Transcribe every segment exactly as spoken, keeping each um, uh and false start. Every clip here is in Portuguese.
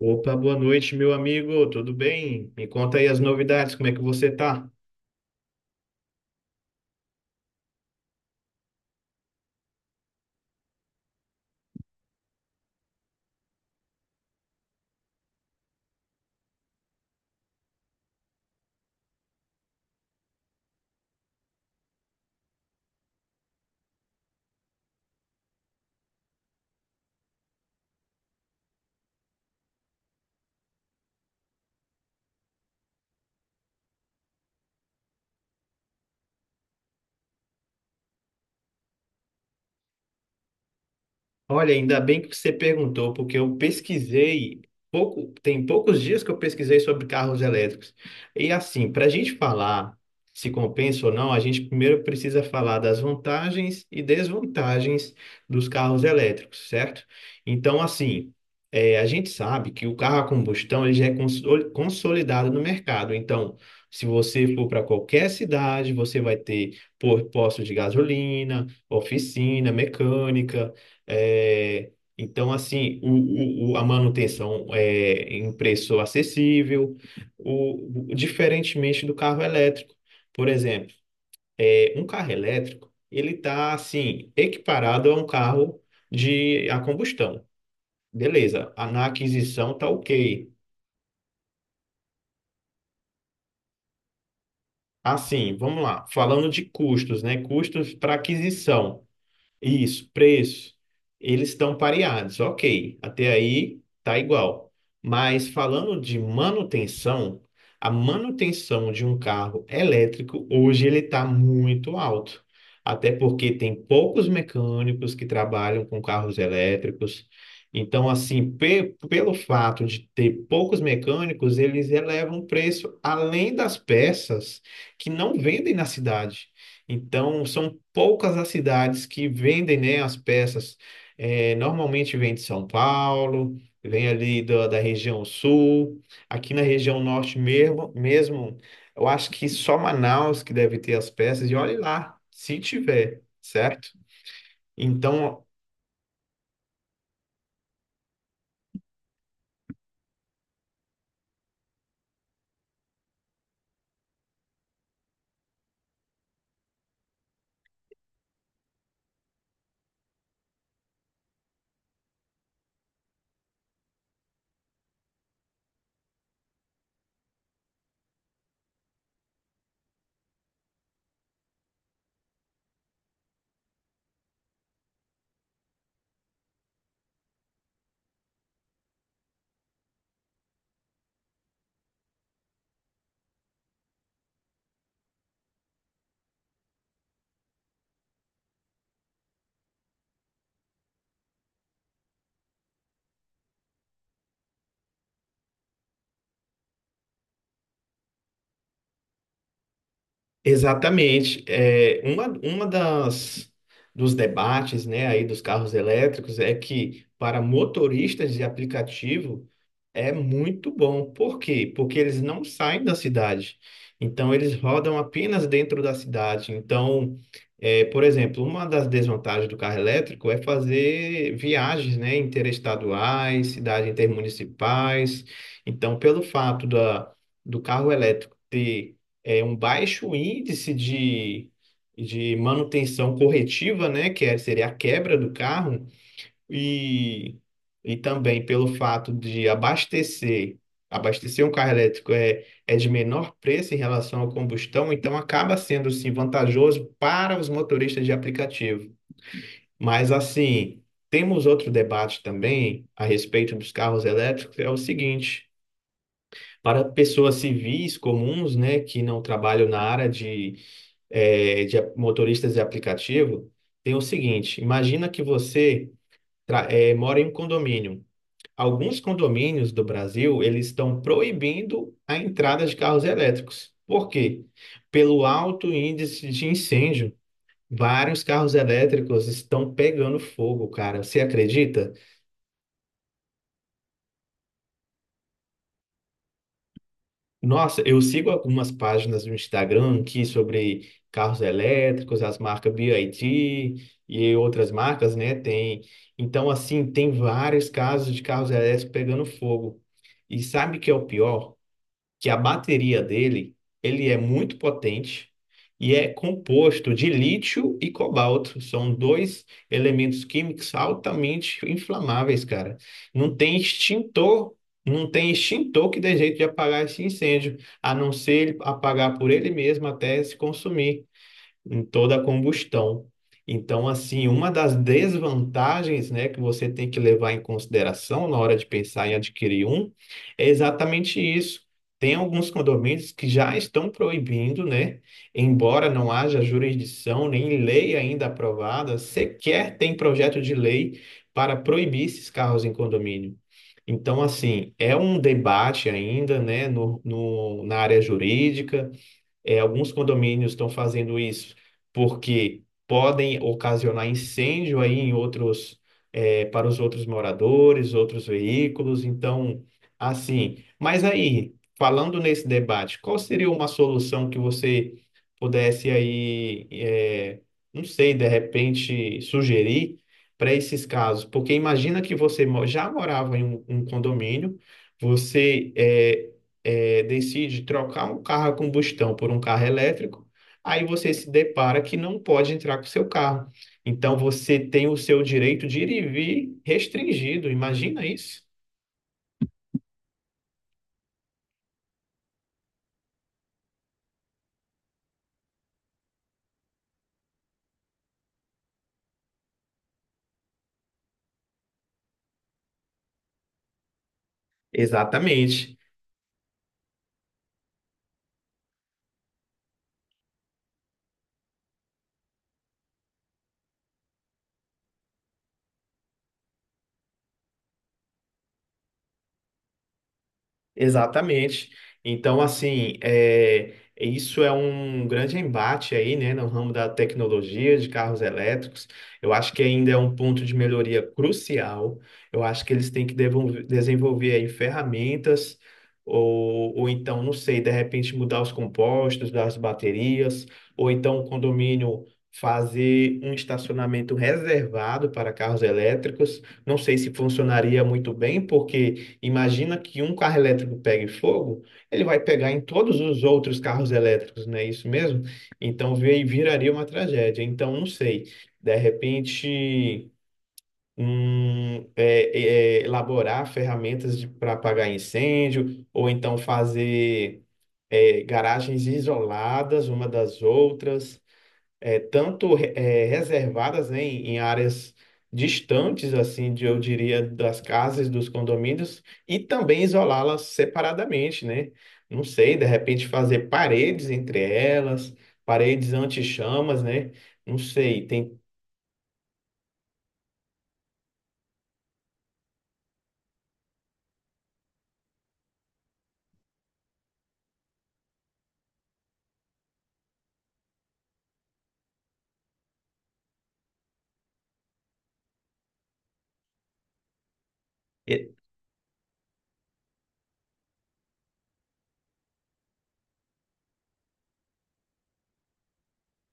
Opa, boa noite, meu amigo. Tudo bem? Me conta aí as novidades, como é que você tá? Olha, ainda bem que você perguntou, porque eu pesquisei pouco, tem poucos dias que eu pesquisei sobre carros elétricos. E assim, para a gente falar se compensa ou não, a gente primeiro precisa falar das vantagens e desvantagens dos carros elétricos, certo? Então, assim, é, a gente sabe que o carro a combustão ele já é consol- consolidado no mercado. Então, se você for para qualquer cidade, você vai ter po- posto de gasolina, oficina, mecânica. É, então, assim, o, o- o- a manutenção é em preço acessível, o, o- diferentemente do carro elétrico. Por exemplo, é, um carro elétrico, ele está, assim, equiparado a um carro de a combustão. Beleza, a- na aquisição tá ok. Assim, vamos lá, falando de custos, né? Custos para aquisição. Isso, preço. Eles estão pareados, ok. Até aí tá igual. Mas falando de manutenção, a manutenção de um carro elétrico hoje ele está muito alto. Até porque tem poucos mecânicos que trabalham com carros elétricos. Então, assim, pe- pelo fato de ter poucos mecânicos, eles elevam o preço além das peças que não vendem na cidade. Então, são poucas as cidades que vendem, né, as peças. É, normalmente vem de São Paulo, vem ali da da região sul. Aqui na região norte mesmo, mesmo, eu acho que só Manaus que deve ter as peças. E olhe lá, se tiver, certo? Então, exatamente. É, uma, uma das dos debates, né, aí dos carros elétricos é que para motoristas de aplicativo é muito bom. Por quê? Porque eles não saem da cidade. Então, eles rodam apenas dentro da cidade. Então, é, por exemplo, uma das desvantagens do carro elétrico é fazer viagens, né, interestaduais, cidades intermunicipais. Então, pelo fato da, do carro elétrico ter, é, um baixo índice de, de manutenção corretiva, né, que é- seria a quebra do carro, e, e também pelo fato de abastecer, abastecer um carro elétrico é, é de menor preço em relação ao combustão, então acaba sendo sim vantajoso para os motoristas de aplicativo. Mas assim, temos outro debate também a respeito dos carros elétricos, é o seguinte. Para pessoas civis comuns, né, que não trabalham na área de, eh, de a- motoristas de aplicativo, tem o seguinte: imagina que você tra- eh, mora em um condomínio. Alguns condomínios do Brasil, eles estão proibindo a entrada de carros elétricos. Por quê? Pelo alto índice de incêndio, vários carros elétricos estão pegando fogo, cara. Você acredita? Nossa, eu sigo algumas páginas no Instagram aqui sobre carros elétricos, as marcas B Y D e outras marcas, né? Tem. Então, assim, tem vários casos de carros elétricos pegando fogo. E sabe o que é o pior? Que a bateria dele, ele é muito potente e é composto de lítio e cobalto. São dois elementos químicos altamente inflamáveis, cara. Não tem extintor, não tem extintor que dê jeito de apagar esse incêndio, a não ser ele apagar por ele mesmo até se consumir em toda a combustão. Então, assim, uma das desvantagens, né, que você tem que levar em consideração na hora de pensar em adquirir um, é exatamente isso. Tem alguns condomínios que já estão proibindo, né, embora não haja jurisdição nem lei ainda aprovada, sequer tem projeto de lei para proibir esses carros em condomínio. Então, assim, é um debate ainda, né, no, no, na área jurídica. É, alguns condomínios estão fazendo isso porque podem ocasionar incêndio aí em outros, é, para os outros moradores, outros veículos. Então, assim. Mas aí, falando nesse debate, qual seria uma solução que você pudesse aí, é, não sei, de repente sugerir para esses casos? Porque imagina que você mo- já morava em um, um condomínio, você, é, eh, decide trocar um carro a combustão por um carro elétrico, aí você se depara que não pode entrar com o seu carro. Então você tem o seu direito de ir e vir restringido. Imagina isso? Exatamente. Exatamente. Então, assim, é, isso é um grande embate aí, né, no ramo da tecnologia de carros elétricos. Eu acho que ainda é um ponto de melhoria crucial. Eu acho que eles têm que devol- desenvolver aí ferramentas, ou, ou então, não sei, de repente mudar os compostos das baterias, ou então o condomínio fazer um estacionamento reservado para carros elétricos. Não sei se funcionaria muito bem, porque. Imagina que um carro elétrico pegue fogo, ele vai pegar em todos os outros carros elétricos, não é isso mesmo? Então vi- viraria uma tragédia. Então, não sei, de repente, hum, é, é, é, elaborar ferramentas para apagar incêndio, ou então fazer é, garagens isoladas uma das outras, é, tanto é, reservadas, né, em, em áreas distantes, assim, de, eu diria, das casas, dos condomínios, e também isolá-las separadamente, né? Não sei, de repente fazer paredes entre elas, paredes anti-chamas, né? Não sei, tem. é,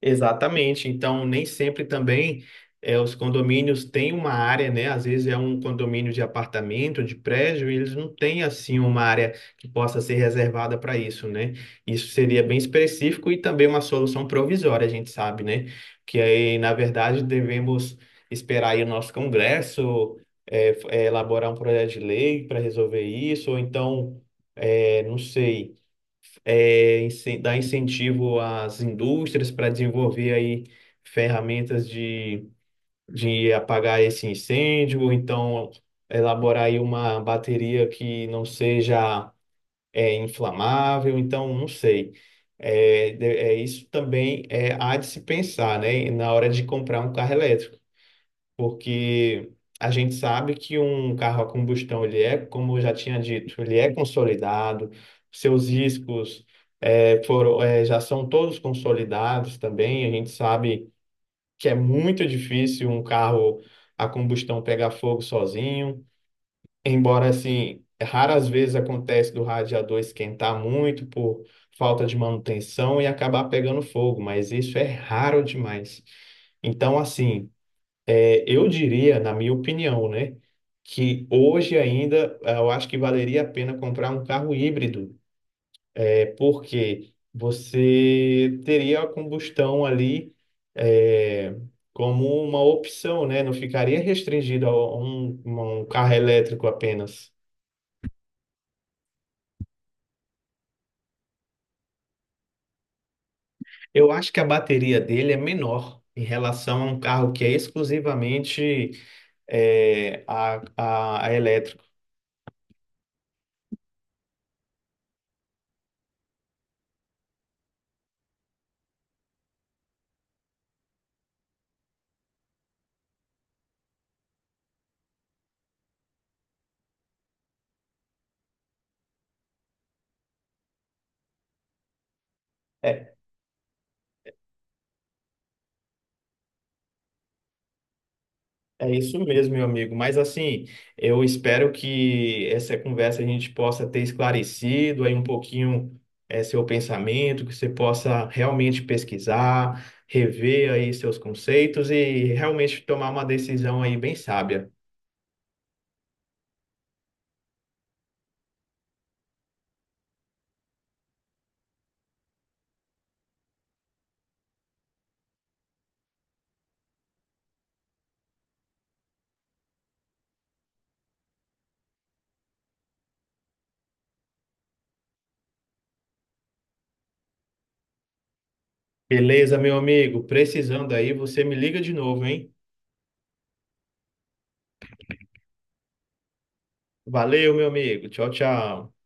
Exatamente. Então, nem sempre também é, os condomínios têm uma área, né? Às vezes é um condomínio de apartamento, de prédio, e eles não têm assim uma área que possa ser reservada para isso, né? Isso seria bem específico e também uma solução provisória, a gente sabe, né? Que aí, na verdade, devemos esperar aí o nosso Congresso é, f- é, elaborar um projeto de lei para resolver isso, ou então, é, não sei, é, incen- dar incentivo às indústrias para desenvolver aí ferramentas de, de apagar esse incêndio, ou então elaborar aí uma bateria que não seja é, inflamável, então não sei. É, de- é, isso também é, há de se pensar, né, na hora de comprar um carro elétrico porque a gente sabe que um carro a combustão, ele é, como eu já tinha dito, ele é consolidado, seus riscos eh, foram, eh, já são todos consolidados também, a gente sabe que é muito difícil um carro a combustão pegar fogo sozinho, embora assim, raras vezes acontece do radiador esquentar muito por falta de manutenção e acabar pegando fogo, mas isso é raro demais. Então, assim, é, eu diria, na minha opinião, né, que hoje ainda eh, eu acho que valeria a pena comprar um carro híbrido, é porque você teria a combustão ali eh, como uma opção, né? Não ficaria restringido a um, um carro elétrico apenas. Eu acho que a bateria dele é menor em relação a um carro que é exclusivamente eh, a, a a elétrico. É, é isso mesmo, meu amigo. Mas assim, eu espero que essa conversa a gente possa ter esclarecido aí um pouquinho eh, seu pensamento, que você possa realmente pesquisar, rever aí seus conceitos e realmente tomar uma decisão aí bem sábia. Beleza, meu amigo? Precisando aí, você me liga de novo, hein? Valeu, meu amigo. Tchau, tchau.